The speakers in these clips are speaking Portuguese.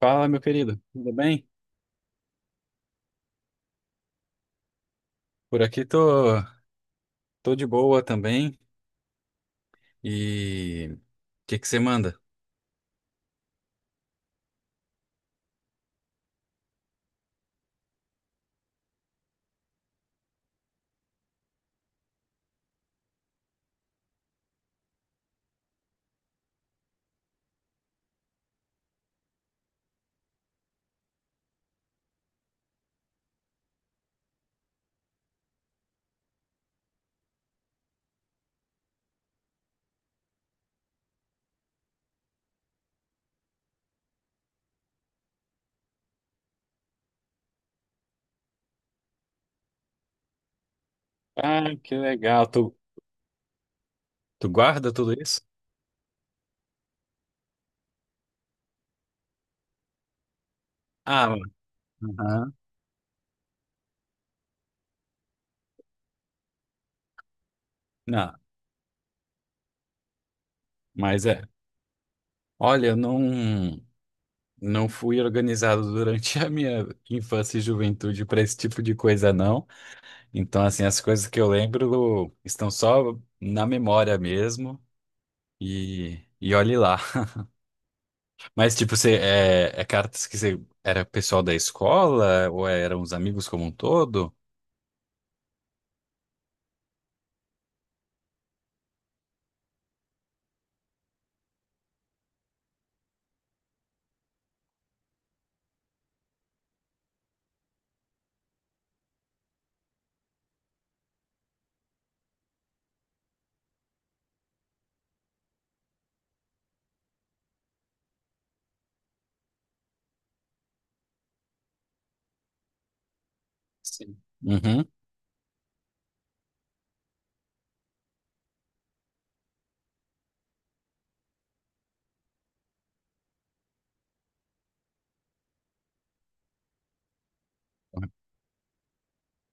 Fala, meu querido, tudo bem? Por aqui tô, tô de boa também. E o que você manda? Ah, que legal. Tu guarda tudo isso? Ah, aham. Não, mas é. Olha, eu não, não fui organizado durante a minha infância e juventude para esse tipo de coisa, não. Então, assim, as coisas que eu lembro estão só na memória mesmo. E olhe lá. Mas, tipo, você é cartas que você era pessoal da escola ou é, eram os amigos como um todo? Sim. Uhum.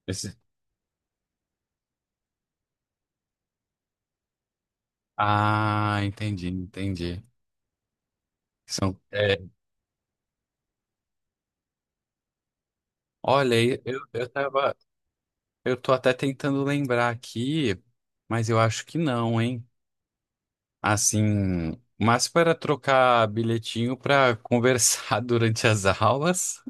Esse... Ah, entendi. São, é, olha, eu tava, eu tô até tentando lembrar aqui, mas eu acho que não, hein? Assim, mas para trocar bilhetinho para conversar durante as aulas.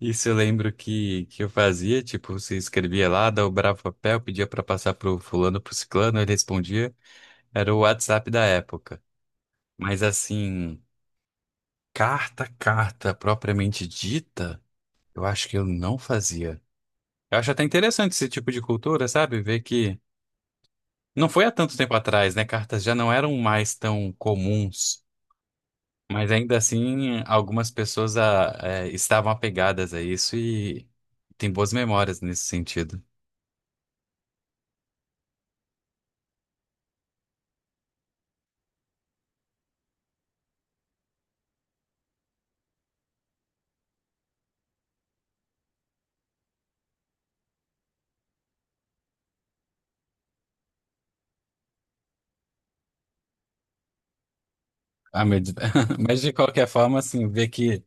Isso eu lembro que eu fazia, tipo, você escrevia lá, dobrava o papel, pedia pra passar pro fulano, pro ciclano, ele respondia. Era o WhatsApp da época. Mas assim, carta propriamente dita, eu acho que eu não fazia. Eu acho até interessante esse tipo de cultura, sabe? Ver que não foi há tanto tempo atrás, né? Cartas já não eram mais tão comuns. Mas ainda assim, algumas pessoas estavam apegadas a isso e tem boas memórias nesse sentido. Ah, meu Deus. Mas de qualquer forma, assim, ver que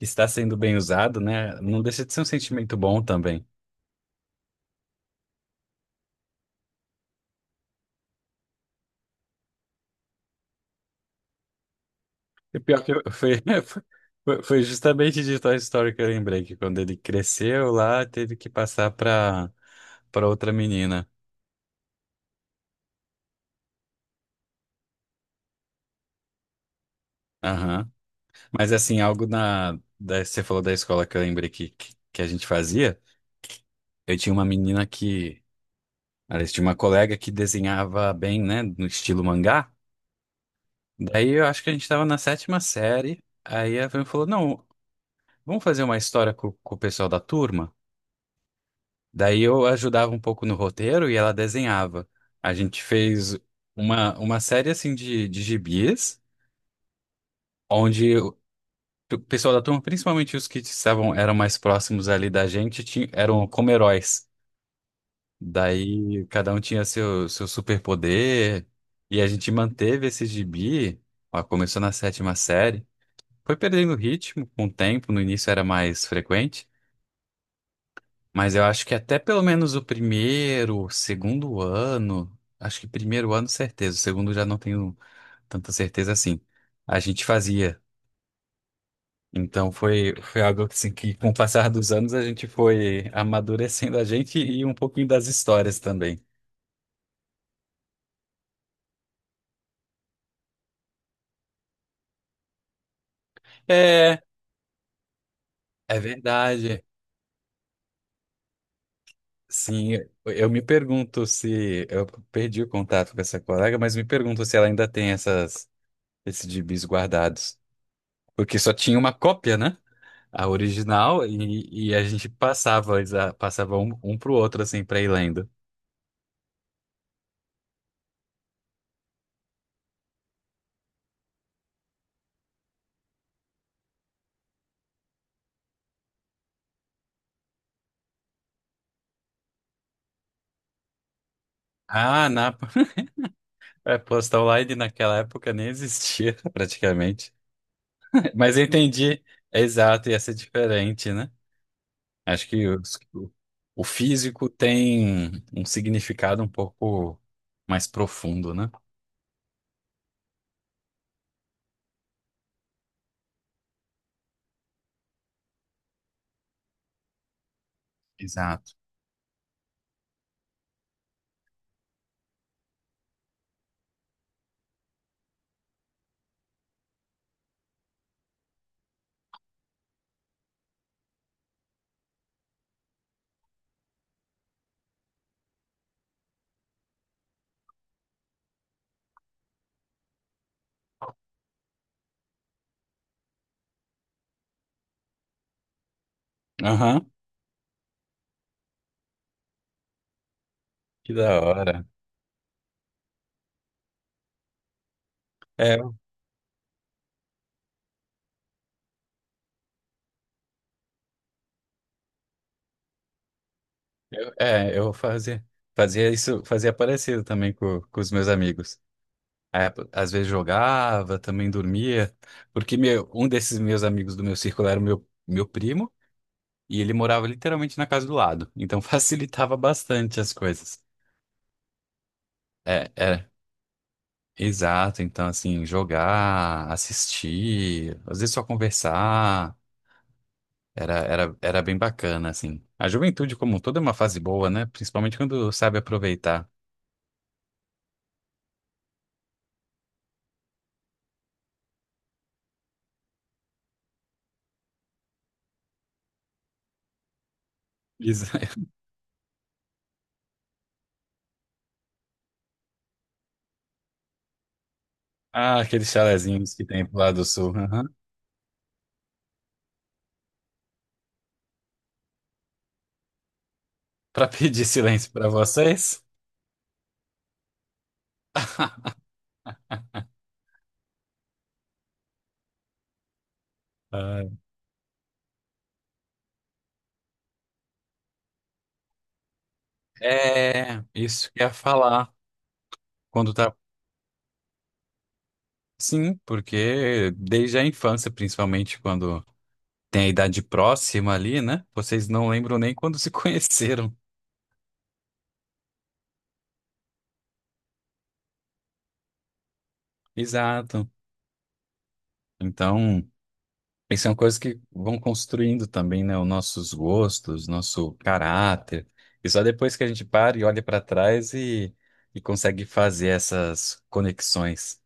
está sendo bem usado, né? Não deixa de ser um sentimento bom também. E pior que eu... foi, foi justamente de Toy Story que eu lembrei, que quando ele cresceu lá, teve que passar para outra menina. Aham. Mas assim, algo na... da... você falou da escola que eu lembrei que a gente fazia. Eu tinha uma menina que... Aliás, tinha uma colega que desenhava bem, né? No estilo mangá. Daí eu acho que a gente tava na sétima série. Aí a Fran falou: Não, vamos fazer uma história com o pessoal da turma. Daí eu ajudava um pouco no roteiro e ela desenhava. A gente fez uma série assim de gibis, onde o pessoal da turma, principalmente os que estavam, eram mais próximos ali da gente, tinha, eram como heróis. Daí cada um tinha seu superpoder. E a gente manteve esse gibi. Ó, começou na sétima série. Foi perdendo ritmo com o tempo, no início era mais frequente, mas eu acho que até pelo menos o primeiro, segundo ano, acho que primeiro ano certeza, o segundo já não tenho tanta certeza assim. A gente fazia. Então foi algo assim que com o passar dos anos a gente foi amadurecendo a gente e um pouquinho das histórias também. É, é verdade. Sim, eu me pergunto se eu perdi o contato com essa colega, mas me pergunto se ela ainda tem essas esses gibis guardados. Porque só tinha uma cópia, né? A original, e a gente passava, passava um, um pro outro, assim, pra ir lendo. Ah, na é, posta online naquela época nem existia, praticamente. Mas eu entendi, é exato, ia ser diferente, né? Acho que os... o físico tem um significado um pouco mais profundo, né? Exato. Aham, que da hora. É, eu fazia, fazia isso, fazia parecido também com os meus amigos. É, às vezes jogava, também dormia, porque meu, um desses meus amigos do meu círculo era o meu primo, e ele morava literalmente na casa do lado, então facilitava bastante as coisas. É, é, exato, então assim, jogar, assistir, às vezes só conversar, era bem bacana, assim. A juventude como um todo é uma fase boa, né? Principalmente quando sabe aproveitar. Isso. Ah, aqueles chalezinhos que tem pro lado do sul, aham. Pra pedir silêncio pra vocês. Ah, é, isso que eu ia falar. Quando tá... Sim, porque desde a infância, principalmente quando tem a idade próxima ali, né? Vocês não lembram nem quando se conheceram. Exato. Então, isso é uma coisa que vão construindo também, né? Os nossos gostos, nosso caráter. E só depois que a gente para e olha para trás e consegue fazer essas conexões.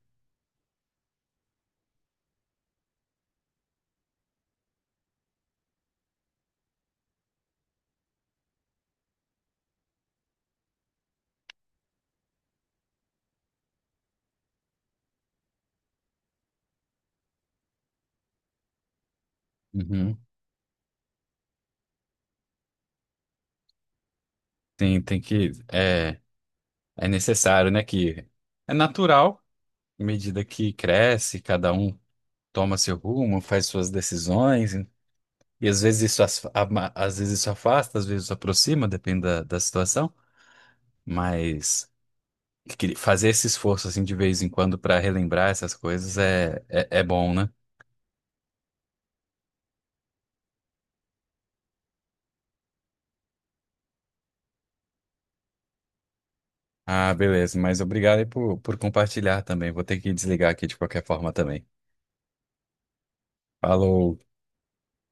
Uhum. Tem que. É, é necessário, né? Que é natural. À medida que cresce, cada um toma seu rumo, faz suas decisões, e às vezes isso, às vezes isso afasta, às vezes isso aproxima, depende da situação, mas que... fazer esse esforço assim de vez em quando para relembrar essas coisas é bom, né? Ah, beleza, mas obrigado aí por compartilhar também. Vou ter que desligar aqui de qualquer forma também. Falou!